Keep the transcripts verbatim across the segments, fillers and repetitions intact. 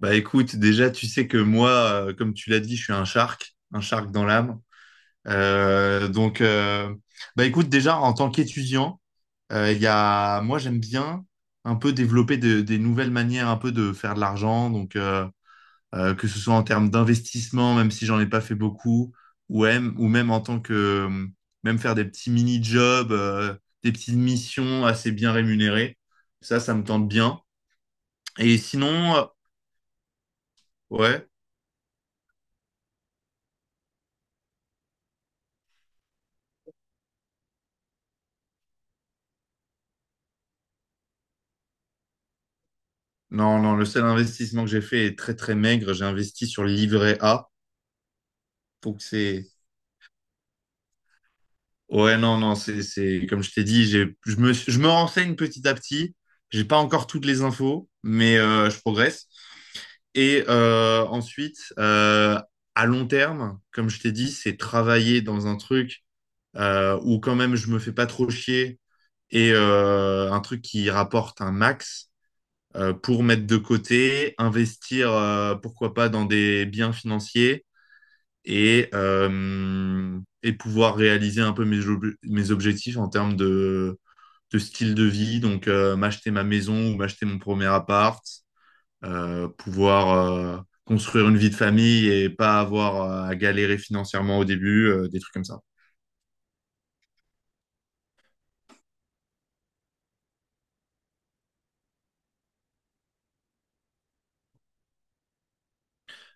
Bah écoute, déjà, tu sais que moi, euh, comme tu l'as dit, je suis un shark, un shark dans l'âme. Euh, donc, euh, Bah écoute, déjà, en tant qu'étudiant, euh, il y a, moi, j'aime bien un peu développer de- des nouvelles manières un peu de faire de l'argent. Donc, euh, euh, que ce soit en termes d'investissement, même si j'en ai pas fait beaucoup, ou même, ou même en tant que, euh, même faire des petits mini-jobs, euh, des petites missions assez bien rémunérées. Ça, ça me tente bien. Et sinon, euh, ouais. Non, non, le seul investissement que j'ai fait est très très maigre. J'ai investi sur le livret A. Donc c'est. Ouais, non, non, c'est, c'est... comme je t'ai dit, j'ai... Je me, je me renseigne petit à petit. J'ai pas encore toutes les infos, mais euh, je progresse. Et euh, ensuite, euh, à long terme, comme je t'ai dit, c'est travailler dans un truc euh, où quand même je me fais pas trop chier et euh, un truc qui rapporte un max euh, pour mettre de côté, investir, euh, pourquoi pas, dans des biens financiers et, euh, et pouvoir réaliser un peu mes, ob- mes objectifs en termes de, de style de vie, donc euh, m'acheter ma maison ou m'acheter mon premier appart, euh, pouvoir euh, construire une vie de famille et pas avoir à galérer financièrement au début, euh, des trucs comme ça.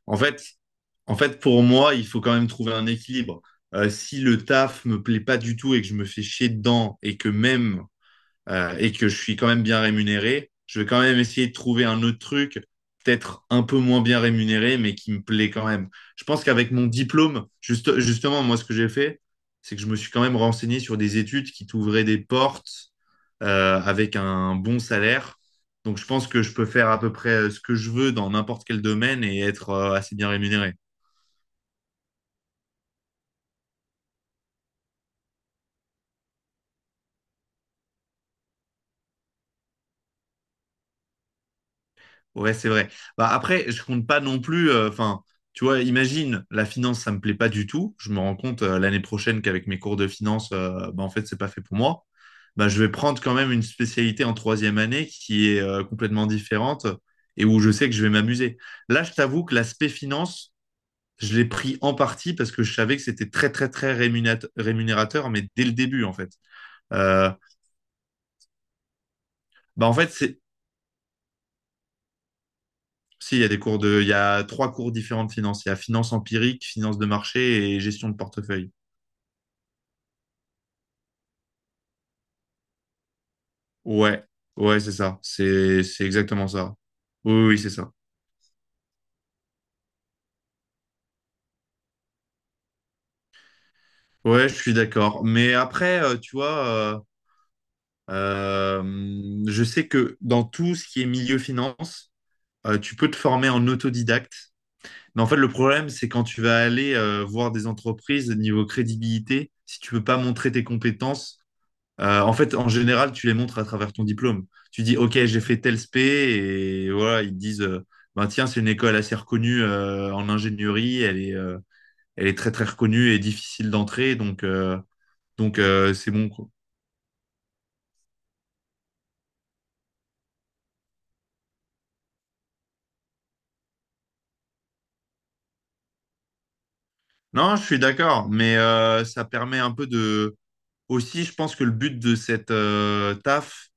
En fait, en fait, pour moi, il faut quand même trouver un équilibre. Euh, si le taf me plaît pas du tout et que je me fais chier dedans et que même euh, et que je suis quand même bien rémunéré, je vais quand même essayer de trouver un autre truc, peut-être un peu moins bien rémunéré, mais qui me plaît quand même. Je pense qu'avec mon diplôme, juste, justement, moi, ce que j'ai fait, c'est que je me suis quand même renseigné sur des études qui t'ouvraient des portes euh, avec un bon salaire. Donc, je pense que je peux faire à peu près euh, ce que je veux dans n'importe quel domaine et être euh, assez bien rémunéré. Ouais, c'est vrai. Bah, après, je compte pas non plus. euh, Enfin, tu vois, imagine, la finance, ça me plaît pas du tout. Je me rends compte euh, l'année prochaine qu'avec mes cours de finance, euh, bah, en fait, c'est pas fait pour moi. Bah, je vais prendre quand même une spécialité en troisième année qui est euh, complètement différente et où je sais que je vais m'amuser. Là, je t'avoue que l'aspect finance, je l'ai pris en partie parce que je savais que c'était très, très, très rémunat- rémunérateur, mais dès le début, en fait. Euh, bah, en fait, c'est Si, il y a des cours de, il y a trois cours différents de finance. Il y a finance empirique, finance de marché et gestion de portefeuille. Ouais, ouais, c'est ça. C'est, c'est exactement ça. Oui, oui, oui, c'est ça. Ouais, je suis d'accord. Mais après, euh, tu vois, euh, euh, je sais que dans tout ce qui est milieu finance, euh, tu peux te former en autodidacte. Mais en fait, le problème, c'est quand tu vas aller euh, voir des entreprises niveau crédibilité, si tu peux pas montrer tes compétences, Euh, en fait, en général, tu les montres à travers ton diplôme. Tu dis, OK, j'ai fait tel S P, et voilà, ils te disent, euh, ben tiens, c'est une école assez reconnue euh, en ingénierie, elle est, euh, elle est très très reconnue et difficile d'entrer, donc euh, donc euh, c'est bon. Quoi. Non, je suis d'accord, mais euh, ça permet un peu de. Aussi, je pense que le but de cette euh, taf,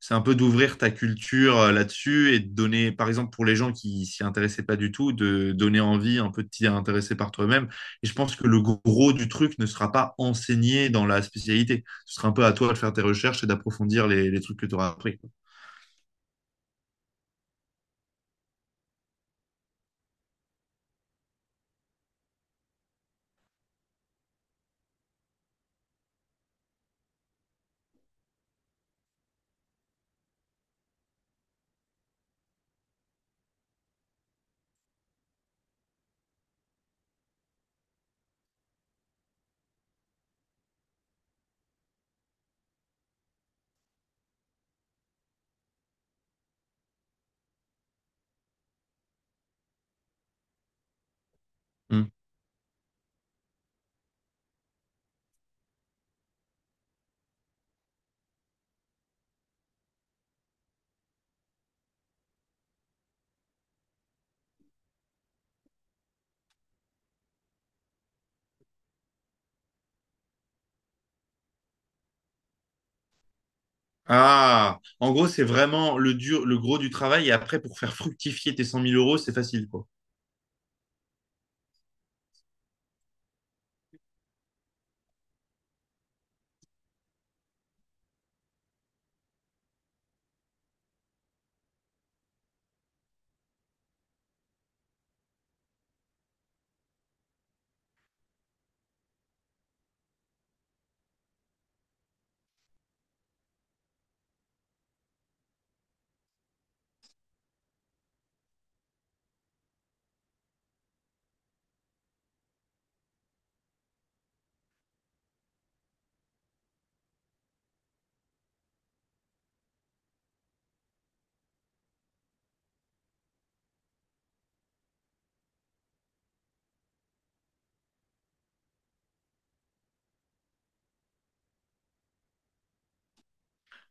c'est un peu d'ouvrir ta culture euh, là-dessus et de donner, par exemple, pour les gens qui s'y intéressaient pas du tout, de donner envie un peu de t'y intéresser par toi-même. Et je pense que le gros du truc ne sera pas enseigné dans la spécialité. Ce sera un peu à toi de faire tes recherches et d'approfondir les, les trucs que tu auras appris. Hmm. Ah, en gros, c'est vraiment le dur, le gros du travail. Et après, pour faire fructifier tes cent mille euros, c'est facile, quoi.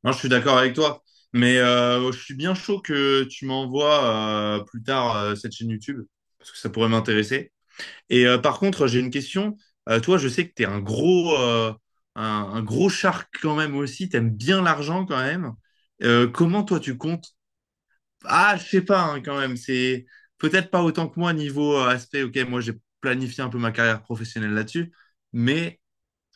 Non, je suis d'accord avec toi. Mais euh, je suis bien chaud que tu m'envoies euh, plus tard euh, cette chaîne YouTube, parce que ça pourrait m'intéresser. Et euh, par contre, j'ai une question. Euh, toi, je sais que tu es un gros, euh, un, un gros shark quand même aussi. Tu aimes bien l'argent quand même. Euh, comment toi, tu comptes? Ah, je sais pas hein, quand même. C'est peut-être pas autant que moi niveau euh, aspect. Ok, moi, j'ai planifié un peu ma carrière professionnelle là-dessus. Mais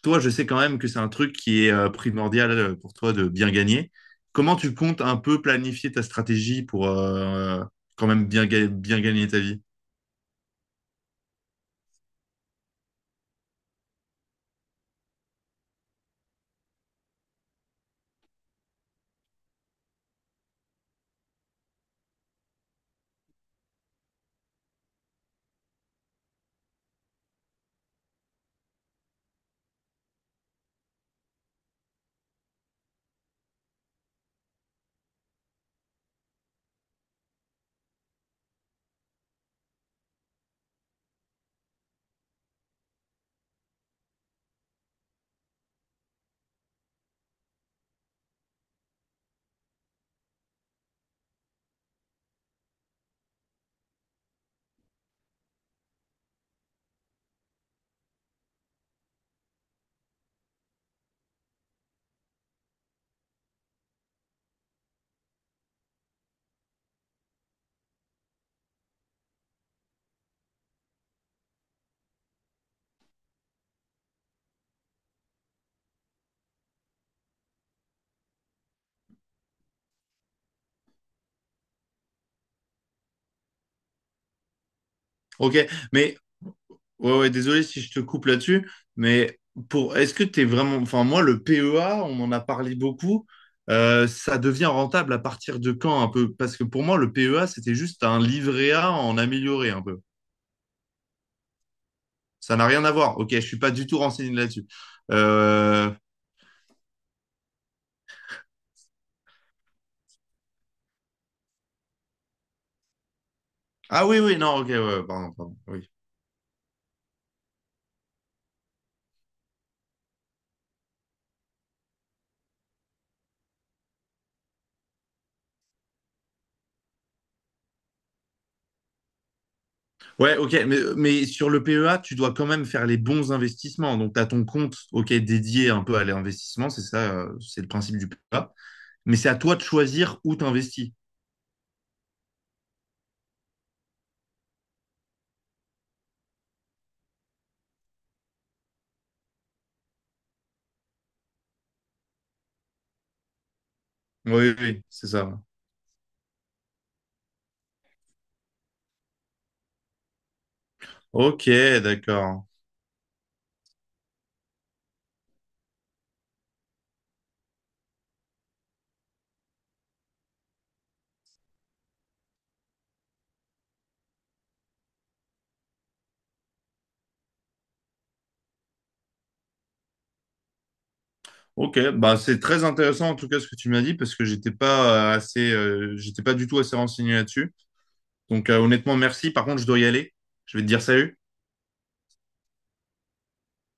toi, je sais quand même que c'est un truc qui est euh, primordial euh, pour toi de bien gagner. Comment tu comptes un peu planifier ta stratégie pour euh, quand même bien, ga- bien gagner ta vie? Ok, mais ouais, ouais, désolé si je te coupe là-dessus, mais pour est-ce que tu es vraiment. Enfin, moi, le P E A, on en a parlé beaucoup. euh, ça devient rentable à partir de quand un peu? Parce que pour moi, le P E A, c'était juste un livret A en amélioré un peu. Ça n'a rien à voir. Ok, je suis pas du tout renseigné là-dessus. Euh, Ah oui, oui, non, ok, ouais, pardon, pardon, oui. Ouais, ok, mais, mais sur le P E A, tu dois quand même faire les bons investissements. Donc, tu as ton compte, ok, dédié un peu à l'investissement, c'est ça, euh, c'est le principe du P E A. Mais c'est à toi de choisir où t'investis. Oui, oui, c'est ça. Ok, d'accord. Ok, bah c'est très intéressant en tout cas ce que tu m'as dit parce que j'étais pas euh, assez, euh, j'étais pas du tout assez renseigné là-dessus. Donc euh, honnêtement, merci. Par contre, je dois y aller. Je vais te dire salut.